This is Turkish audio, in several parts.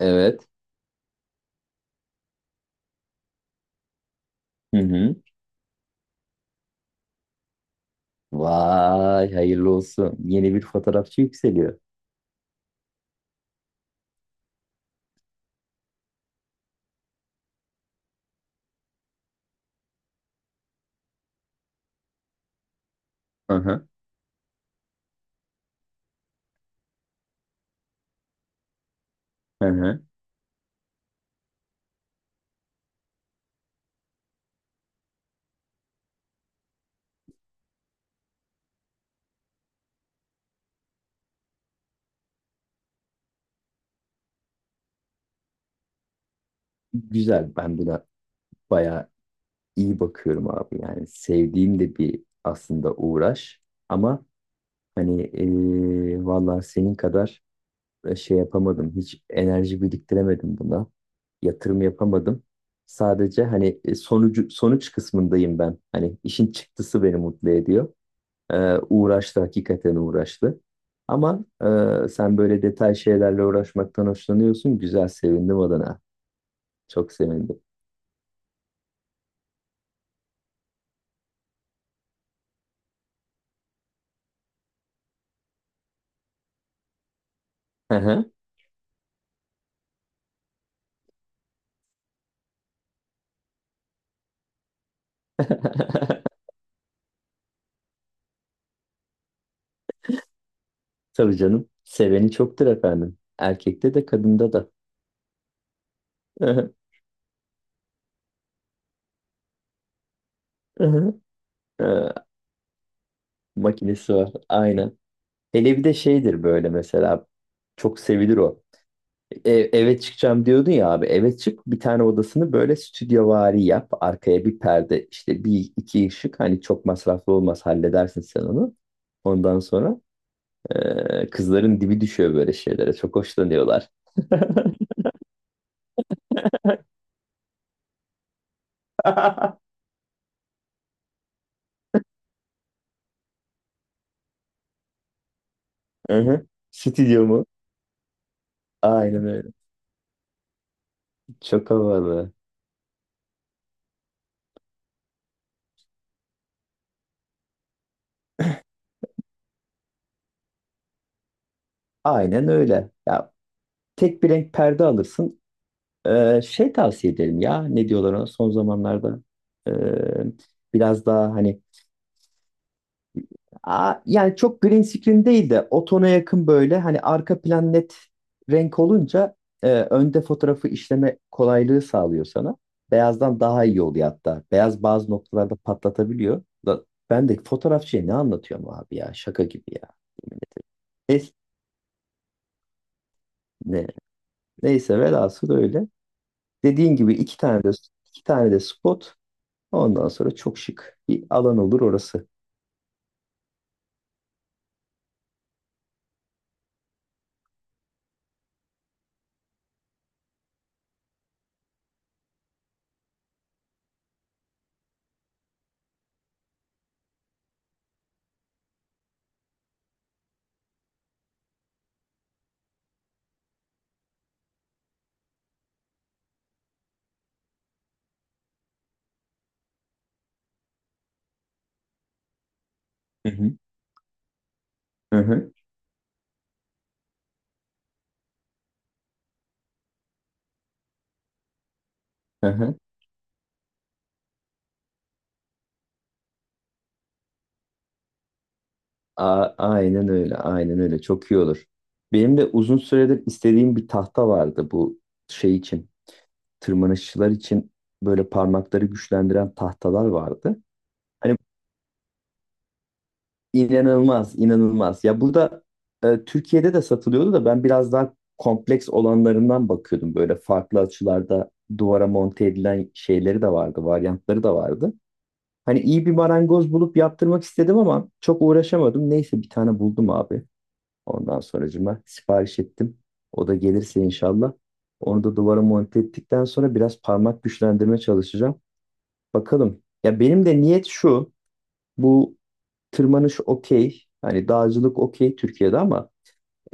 Evet. Hı hı. Vay hayırlı olsun. Yeni bir fotoğrafçı yükseliyor. Hı hı. Hı hı. Güzel. Ben buna bayağı iyi bakıyorum abi. Yani sevdiğim de bir aslında uğraş. Ama hani vallahi senin kadar şey yapamadım. Hiç enerji biriktiremedim buna. Yatırım yapamadım. Sadece hani sonuç kısmındayım ben. Hani işin çıktısı beni mutlu ediyor. Uğraştı, hakikaten uğraştı. Ama sen böyle detay şeylerle uğraşmaktan hoşlanıyorsun. Güzel, sevindim adına. Çok sevindim. Hı hı. Tabii canım. Seveni çoktur efendim. Erkekte de kadında da. Hı hı, hı hı. Ee, Makinesi var. Aynen. Hele bir de şeydir böyle mesela. Çok sevilir o. E, eve çıkacağım diyordun ya abi. Eve çık, bir tane odasını böyle stüdyovari yap. Arkaya bir perde, işte bir iki ışık. Hani çok masraflı olmaz, halledersin sen onu. Ondan sonra kızların dibi düşüyor böyle şeylere. Çok hoşlanıyorlar. Hı hı. Stüdyo mu? Aynen öyle. Çok havalı. Aynen öyle. Ya tek bir renk perde alırsın. Şey, tavsiye ederim ya. Ne diyorlar ona son zamanlarda? Ee, Biraz daha hani... Aa, yani çok green screen değil de o tona yakın, böyle hani arka plan net renk olunca önde fotoğrafı işleme kolaylığı sağlıyor sana. Beyazdan daha iyi oluyor hatta. Beyaz bazı noktalarda patlatabiliyor. Da, ben de fotoğrafçıya ne anlatıyorum abi ya, şaka gibi ya. Yemin ederim. Neyse, ne, Neyse, velhasıl öyle. Dediğin gibi iki tane de spot. Ondan sonra çok şık bir alan olur orası. Hı hı. Hı hı. Hı hı. Aynen öyle, aynen öyle. Çok iyi olur. Benim de uzun süredir istediğim bir tahta vardı, bu şey için, tırmanışçılar için böyle parmakları güçlendiren tahtalar vardı. Hani inanılmaz, inanılmaz. Ya burada Türkiye'de de satılıyordu da, ben biraz daha kompleks olanlarından bakıyordum. Böyle farklı açılarda duvara monte edilen şeyleri de vardı, varyantları da vardı. Hani iyi bir marangoz bulup yaptırmak istedim ama çok uğraşamadım. Neyse, bir tane buldum abi. Ondan sonracıma sipariş ettim. O da gelirse inşallah. Onu da duvara monte ettikten sonra biraz parmak güçlendirme çalışacağım. Bakalım. Ya benim de niyet şu. Bu tırmanış okey. Hani dağcılık okey Türkiye'de ama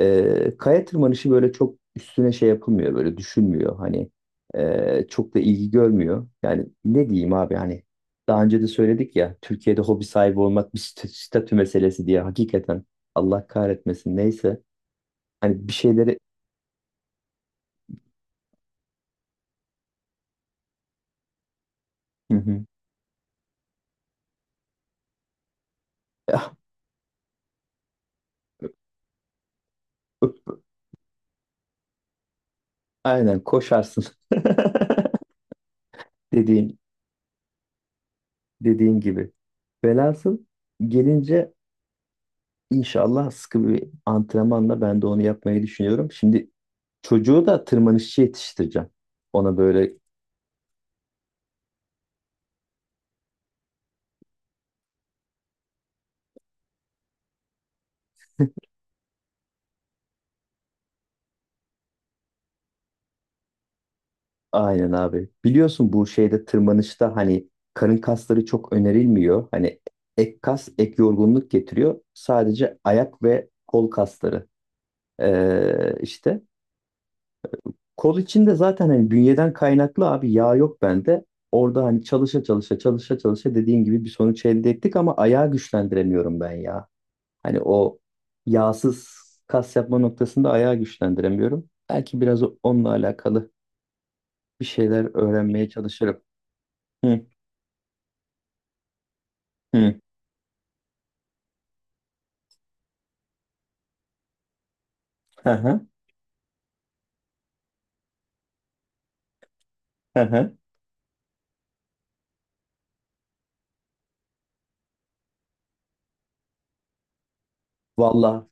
kaya tırmanışı böyle çok üstüne şey yapılmıyor. Böyle düşünmüyor. Hani çok da ilgi görmüyor. Yani ne diyeyim abi, hani daha önce de söyledik ya, Türkiye'de hobi sahibi olmak bir statü meselesi diye, hakikaten Allah kahretmesin, neyse, hani bir şeyleri... Hı hı. Ya, aynen koşarsın. Dediğin, Dediğin gibi. Velhasıl gelince inşallah sıkı bir antrenmanla ben de onu yapmayı düşünüyorum. Şimdi çocuğu da tırmanışçı yetiştireceğim. Ona böyle aynen abi. Biliyorsun bu şeyde, tırmanışta, hani karın kasları çok önerilmiyor. Hani ek kas, ek yorgunluk getiriyor. Sadece ayak ve kol kasları işte. Kol içinde zaten hani bünyeden kaynaklı abi yağ yok bende. Orada hani çalışa çalışa çalışa çalışa dediğin gibi bir sonuç elde ettik ama ayağı güçlendiremiyorum ben ya. Hani o yağsız kas yapma noktasında ayağı güçlendiremiyorum. Belki biraz onunla alakalı bir şeyler öğrenmeye çalışırım. Hı hı. Hı hı. Hı hı. Vallahi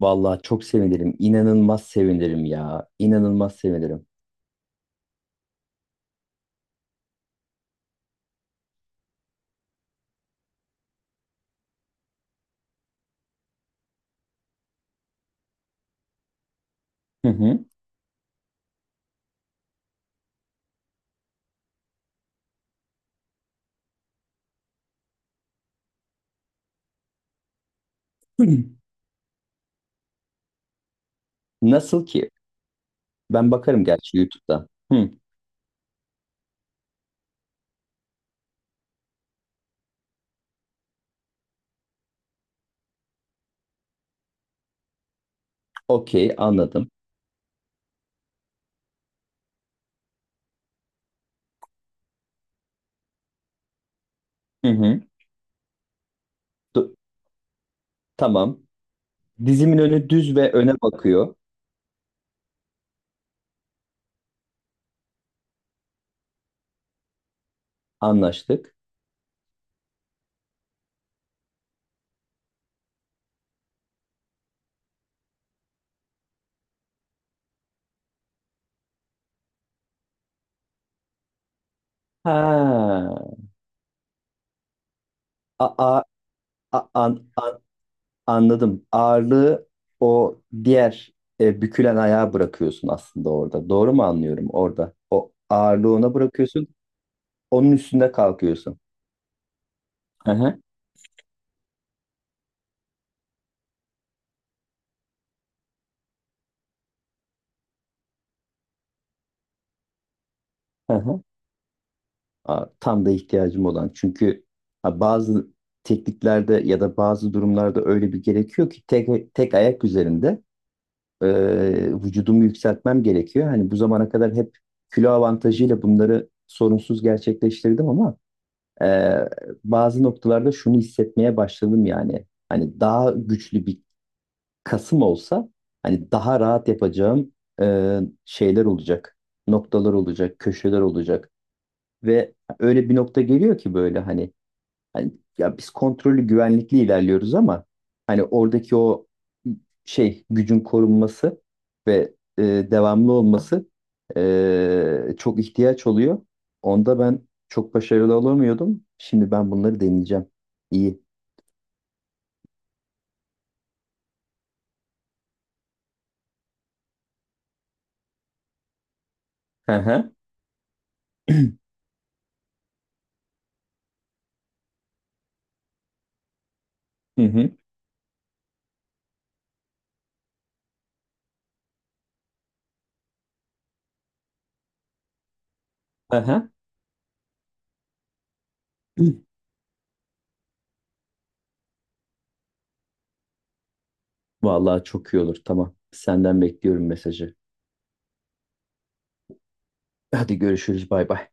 Vallahi çok sevinirim. İnanılmaz sevinirim ya. İnanılmaz sevinirim. Hı hı. Hı. Nasıl ki? Ben bakarım gerçi YouTube'da. Hı. Okey, anladım. Hı hı. Du- Tamam. Dizimin önü düz ve öne bakıyor. Anlaştık. Ha. A, a, a- an, an- Anladım. Ağırlığı o diğer bükülen ayağa bırakıyorsun aslında orada. Doğru mu anlıyorum orada? O ağırlığı ona bırakıyorsun. Onun üstünde kalkıyorsun. Hı hı. Hı hı. Aa, tam da ihtiyacım olan. Çünkü ha, bazı tekniklerde ya da bazı durumlarda öyle bir gerekiyor ki tek tek ayak üzerinde e, vücudumu yükseltmem gerekiyor. Hani bu zamana kadar hep kilo avantajıyla bunları sorunsuz gerçekleştirdim ama e, bazı noktalarda şunu hissetmeye başladım yani. Hani daha güçlü bir kasım olsa hani daha rahat yapacağım şeyler olacak. Noktalar olacak, köşeler olacak ve öyle bir nokta geliyor ki böyle hani... Hani ya biz kontrollü, güvenlikli ilerliyoruz ama hani oradaki o şey, gücün korunması ve devamlı olması çok ihtiyaç oluyor. Onda ben çok başarılı olamıyordum. Şimdi ben bunları deneyeceğim. İyi. Hı hı. Hı hı. Hı hı. Vallahi çok iyi olur. Tamam. Senden bekliyorum mesajı. Hadi görüşürüz. Bay bay.